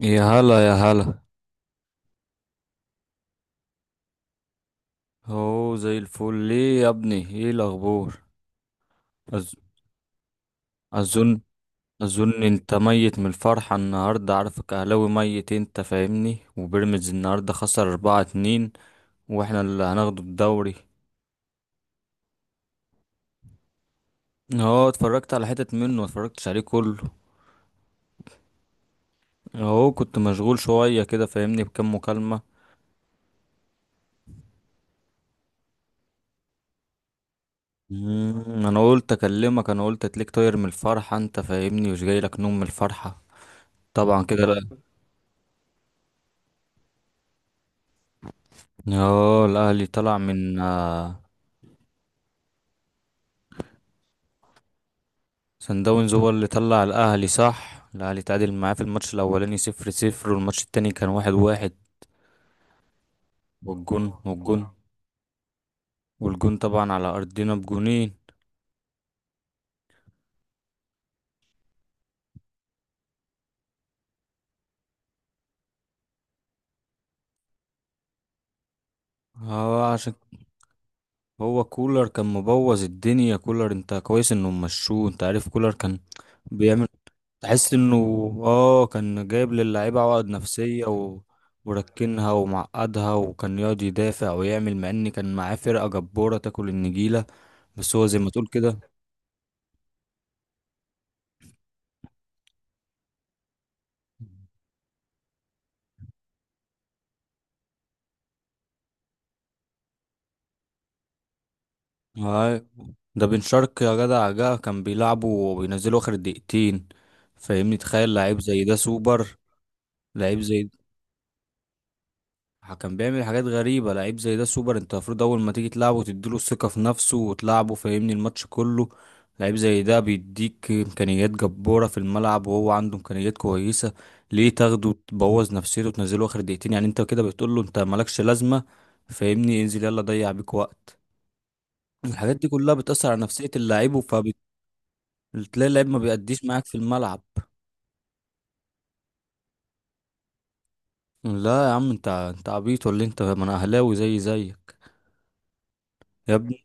يا هلا يا هلا. هو زي الفل ليه يا ابني؟ ايه الاخبار؟ أز... اظن اظن انت ميت من الفرحة النهاردة، عارفك اهلاوي ميت انت فاهمني، وبيراميدز النهاردة خسر 4-2، واحنا اللي هناخده الدوري. اه اتفرجت على حتت منه، متفرجتش عليه كله. اهو كنت مشغول شوية كده فاهمني، بكام مكالمة. انا قلت اكلمك، انا قلت تليك طاير من الفرحة انت فاهمني، مش جاي لك نوم من الفرحة. طبعا كده لا. اه الاهلي طلع من سان داونز هو اللي طلع الاهلي، صح؟ الاهلي تعادل معاه في الماتش الاولاني 0-0، والماتش التاني كان 1-1. والجون والجون والجون طبعا على ارضنا بجونين. هو عشان هو كولر كان مبوظ الدنيا، كولر انت كويس انه مشوه، انت عارف كولر كان بيعمل تحس انه، اه كان جايب للاعيبه عقد نفسيه وركنها ومعقدها، وكان يقعد يدافع ويعمل، مع ان كان معاه فرقه جباره تاكل النجيله. بس هو زي ما تقول كده. هاي، ده بن شرقي يا جدع، جه كان بيلعبه وبينزله اخر دقيقتين، فاهمني؟ تخيل لعيب زي ده سوبر. لعيب زي ده كان بيعمل حاجات غريبة، لعيب زي ده سوبر، انت المفروض اول ما تيجي تلعبه تديله الثقة في نفسه وتلعبه فاهمني الماتش كله. لعيب زي ده بيديك امكانيات جبارة في الملعب، وهو عنده امكانيات كويسة. ليه تاخده تبوظ نفسيته وتنزله اخر دقيقتين؟ يعني انت كده بتقول له انت مالكش لازمة، فاهمني، انزل يلا ضيع بيك وقت. الحاجات دي كلها بتأثر على نفسية اللاعب، تلاقي اللعيب ما بيأديش معاك في الملعب. لا يا عم، انت عبيط ولا إيه؟ انت، ما انا اهلاوي زي زيك يا ابني.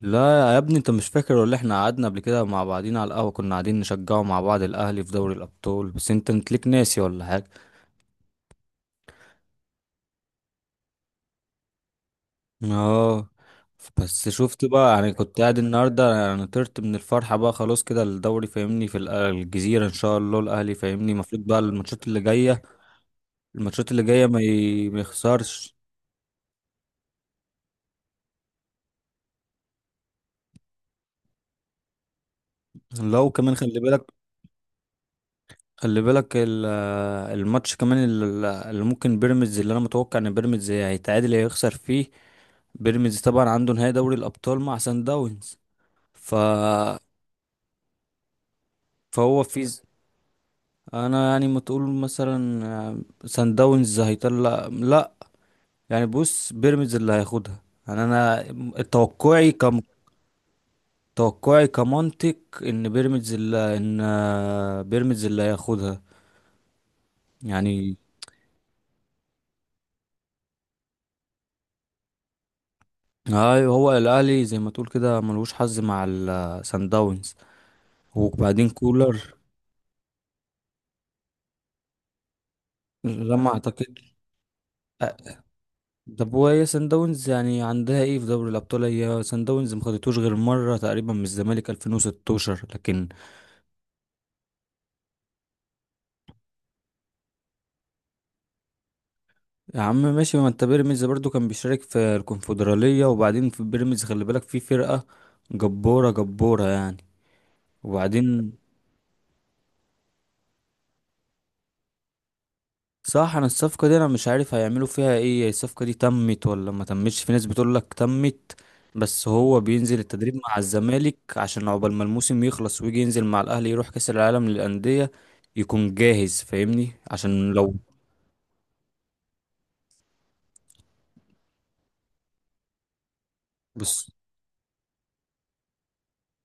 لا يا ابني، انت مش فاكر ولا احنا قعدنا قبل كده مع بعضينا على القهوة؟ كنا قاعدين نشجعه مع بعض، الاهلي في دوري الابطال، بس انت ليك ناسي ولا حاجة. اه بس شفت بقى؟ يعني كنت قاعد النهارده يعني طرت من الفرحة بقى، خلاص كده الدوري فاهمني في الجزيرة ان شاء الله، الاهلي فاهمني المفروض بقى الماتشات اللي جاية، الماتشات اللي جاية ما يخسرش. لو كمان خلي بالك، خلي بالك الماتش كمان اللي ممكن بيراميدز، اللي انا متوقع ان بيراميدز هيتعادل يا هيخسر فيه. بيراميدز طبعا عنده نهائي دوري الابطال مع سان داونز. ف فهو في ز- انا يعني ما تقول مثلا سان داونز هيطلع، لا يعني بص بيراميدز اللي هياخدها. يعني انا توقعي كم، توقعي كمنطق ان بيراميدز اللي ان بيراميدز اللي هياخدها يعني. ايوه هو الاهلي زي ما تقول كده ملوش حظ مع السان داونز. وبعدين كولر، لما اعتقد أ- طب وهي سان داونز يعني عندها ايه في دوري الابطال؟ هي سان داونز ما خدتوش غير مره تقريبا من الزمالك 2016، لكن يا عم ماشي، ما انت بيراميدز برضو كان بيشارك في الكونفدراليه. وبعدين في بيراميدز خلي بالك، في فرقه جباره جباره يعني. وبعدين صح، انا الصفقة دي انا مش عارف هيعملوا فيها ايه، الصفقة دي تمت ولا ما تمتش؟ في ناس بتقول لك تمت، بس هو بينزل التدريب مع الزمالك عشان عقبال ما الموسم يخلص ويجي ينزل مع الاهلي يروح كاس العالم للأندية يكون جاهز، فاهمني، عشان لو، بص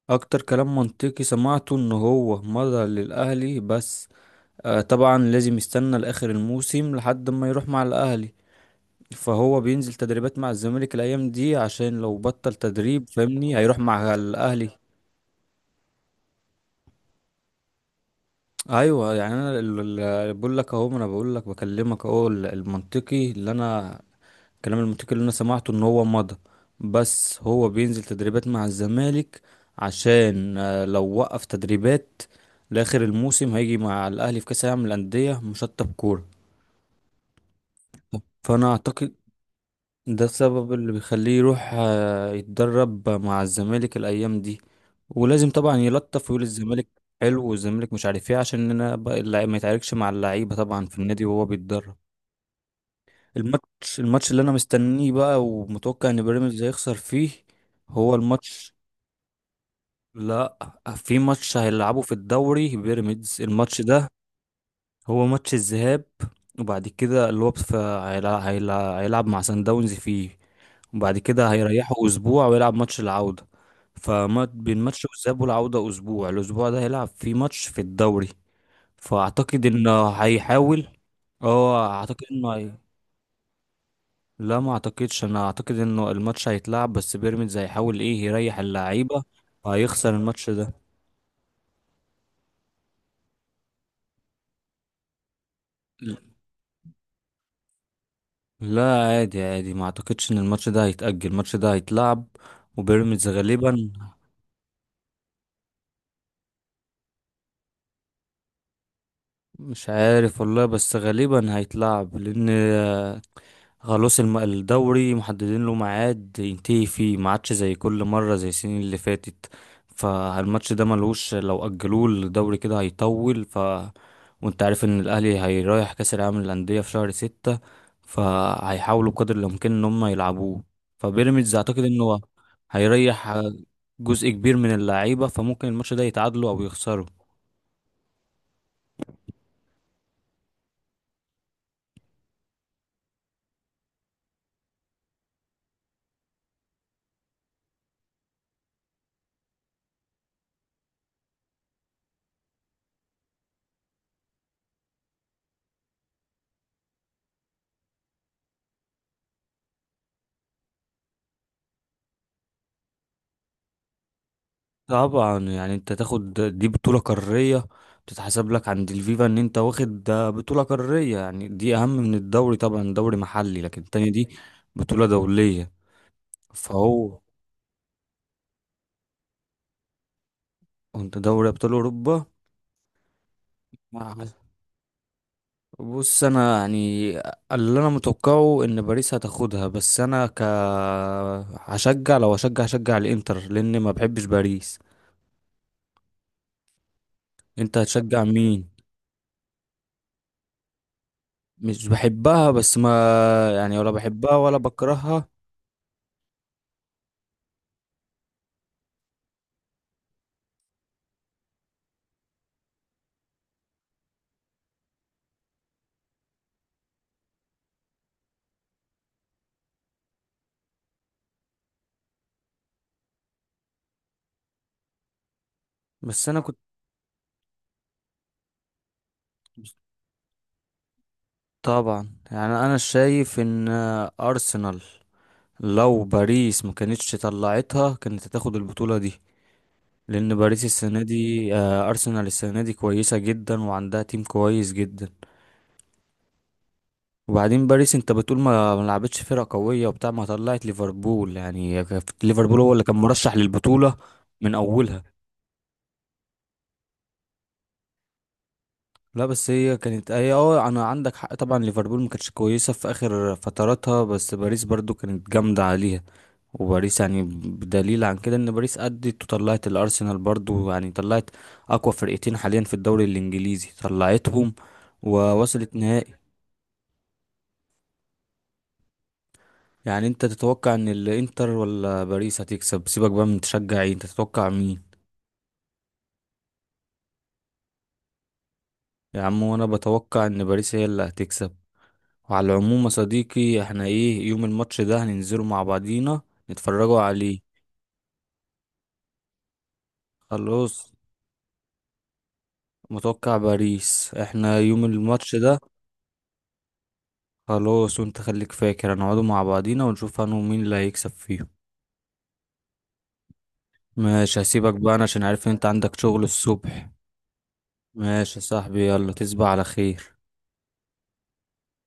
اكتر كلام منطقي سمعته ان هو مضى للاهلي. بس آه طبعا لازم يستنى لاخر الموسم لحد ما يروح مع الاهلي، فهو بينزل تدريبات مع الزمالك الايام دي عشان لو بطل تدريب فاهمني هيروح مع الاهلي. ايوه يعني انا بقول لك اهو، ما انا بقول لك بكلمك اهو المنطقي اللي انا، الكلام المنطقي اللي انا سمعته ان هو مضى. بس هو بينزل تدريبات مع الزمالك عشان لو وقف تدريبات لاخر الموسم هيجي مع الاهلي في كاس العالم للانديه مشطب كوره. فانا اعتقد ده السبب اللي بيخليه يروح يتدرب مع الزمالك الأيام دي، ولازم طبعا يلطف ويقول الزمالك حلو والزمالك مش عارف ايه عشان انا بقى اللعيب ما يتعاركش مع اللعيبة طبعا في النادي وهو بيتدرب. الماتش الماتش اللي انا مستنيه بقى ومتوقع ان بيراميدز هيخسر فيه هو الماتش، لا في ماتش هيلعبه في الدوري بيراميدز، الماتش ده هو ماتش الذهاب، وبعد كده اللي هو في هيلعب مع سان داونز فيه، وبعد كده هيريحوا اسبوع ويلعب ماتش العودة. فما بين ماتش الذهاب والعودة اسبوع، الاسبوع ده هيلعب فيه ماتش في الدوري. فاعتقد انه هيحاول، اه اعتقد انه لا ما اعتقدش، انا اعتقد انه الماتش هيتلعب، بس بيراميدز هيحاول ايه يريح اللعيبة وهيخسر الماتش ده. لا عادي عادي، ما اعتقدش ان الماتش ده هيتأجل، الماتش ده هيتلعب، وبيراميدز غالبا مش عارف والله، بس غالبا هيتلعب لان خلاص الدوري محددين له ميعاد ينتهي فيه، ما عادش زي كل مرة زي السنين اللي فاتت، فالماتش ده ملوش، لو أجلوه الدوري كده هيطول. وانت عارف ان الاهلي هيرايح كاس العالم للأندية في شهر ستة، فهيحاولوا بقدر الامكان ان هم يلعبوه، فبيراميدز اعتقد انه هيريح جزء كبير من اللعيبة فممكن الماتش ده يتعادلوا او يخسروا. طبعا يعني انت تاخد دي بطولة قارية تتحسب لك عند الفيفا، ان انت واخد ده بطولة قارية يعني دي اهم من الدوري، طبعا دوري محلي لكن التانية دي بطولة دولية. فهو، انت دوري ابطال اوروبا. بص انا يعني اللي انا متوقعه ان باريس هتاخدها، بس انا هشجع، لو هشجع هشجع الانتر لان ما بحبش باريس. انت هتشجع مين؟ مش بحبها بس ما، يعني ولا بحبها ولا بكرهها. بس انا كنت، طبعا يعني انا شايف ان ارسنال، لو باريس ما كانتش طلعتها كانت هتاخد البطولة دي، لان باريس السنة دي ارسنال السنة دي كويسة جدا وعندها تيم كويس جدا. وبعدين باريس انت بتقول ما لعبتش فرقة قوية وبتاع، ما طلعت ليفربول يعني، كانت ليفربول هو اللي كان مرشح للبطولة من اولها. لا بس هي كانت هي اه انا عندك حق، طبعا ليفربول ما كانتش كويسة في اخر فتراتها، بس باريس برضو كانت جامدة عليها. وباريس يعني بدليل عن كده ان باريس ادت وطلعت الارسنال برضو، يعني طلعت اقوى فرقتين حاليا في الدوري الانجليزي طلعتهم، ووصلت نهائي. يعني انت تتوقع ان الانتر ولا باريس هتكسب؟ سيبك بقى من تشجع ايه، انت تتوقع مين؟ يا عم وانا بتوقع ان باريس هي اللي هتكسب. وعلى العموم يا صديقي، احنا ايه يوم الماتش ده هننزله مع بعضينا نتفرجوا عليه. خلاص متوقع باريس، احنا يوم الماتش ده. خلاص وانت خليك فاكر، هنقعدوا مع بعضينا ونشوف انا ومين اللي هيكسب فيهم. ماشي هسيبك بقى انا عشان عارف ان انت عندك شغل الصبح. ماشي يا صاحبي، يلا تصبح على خير.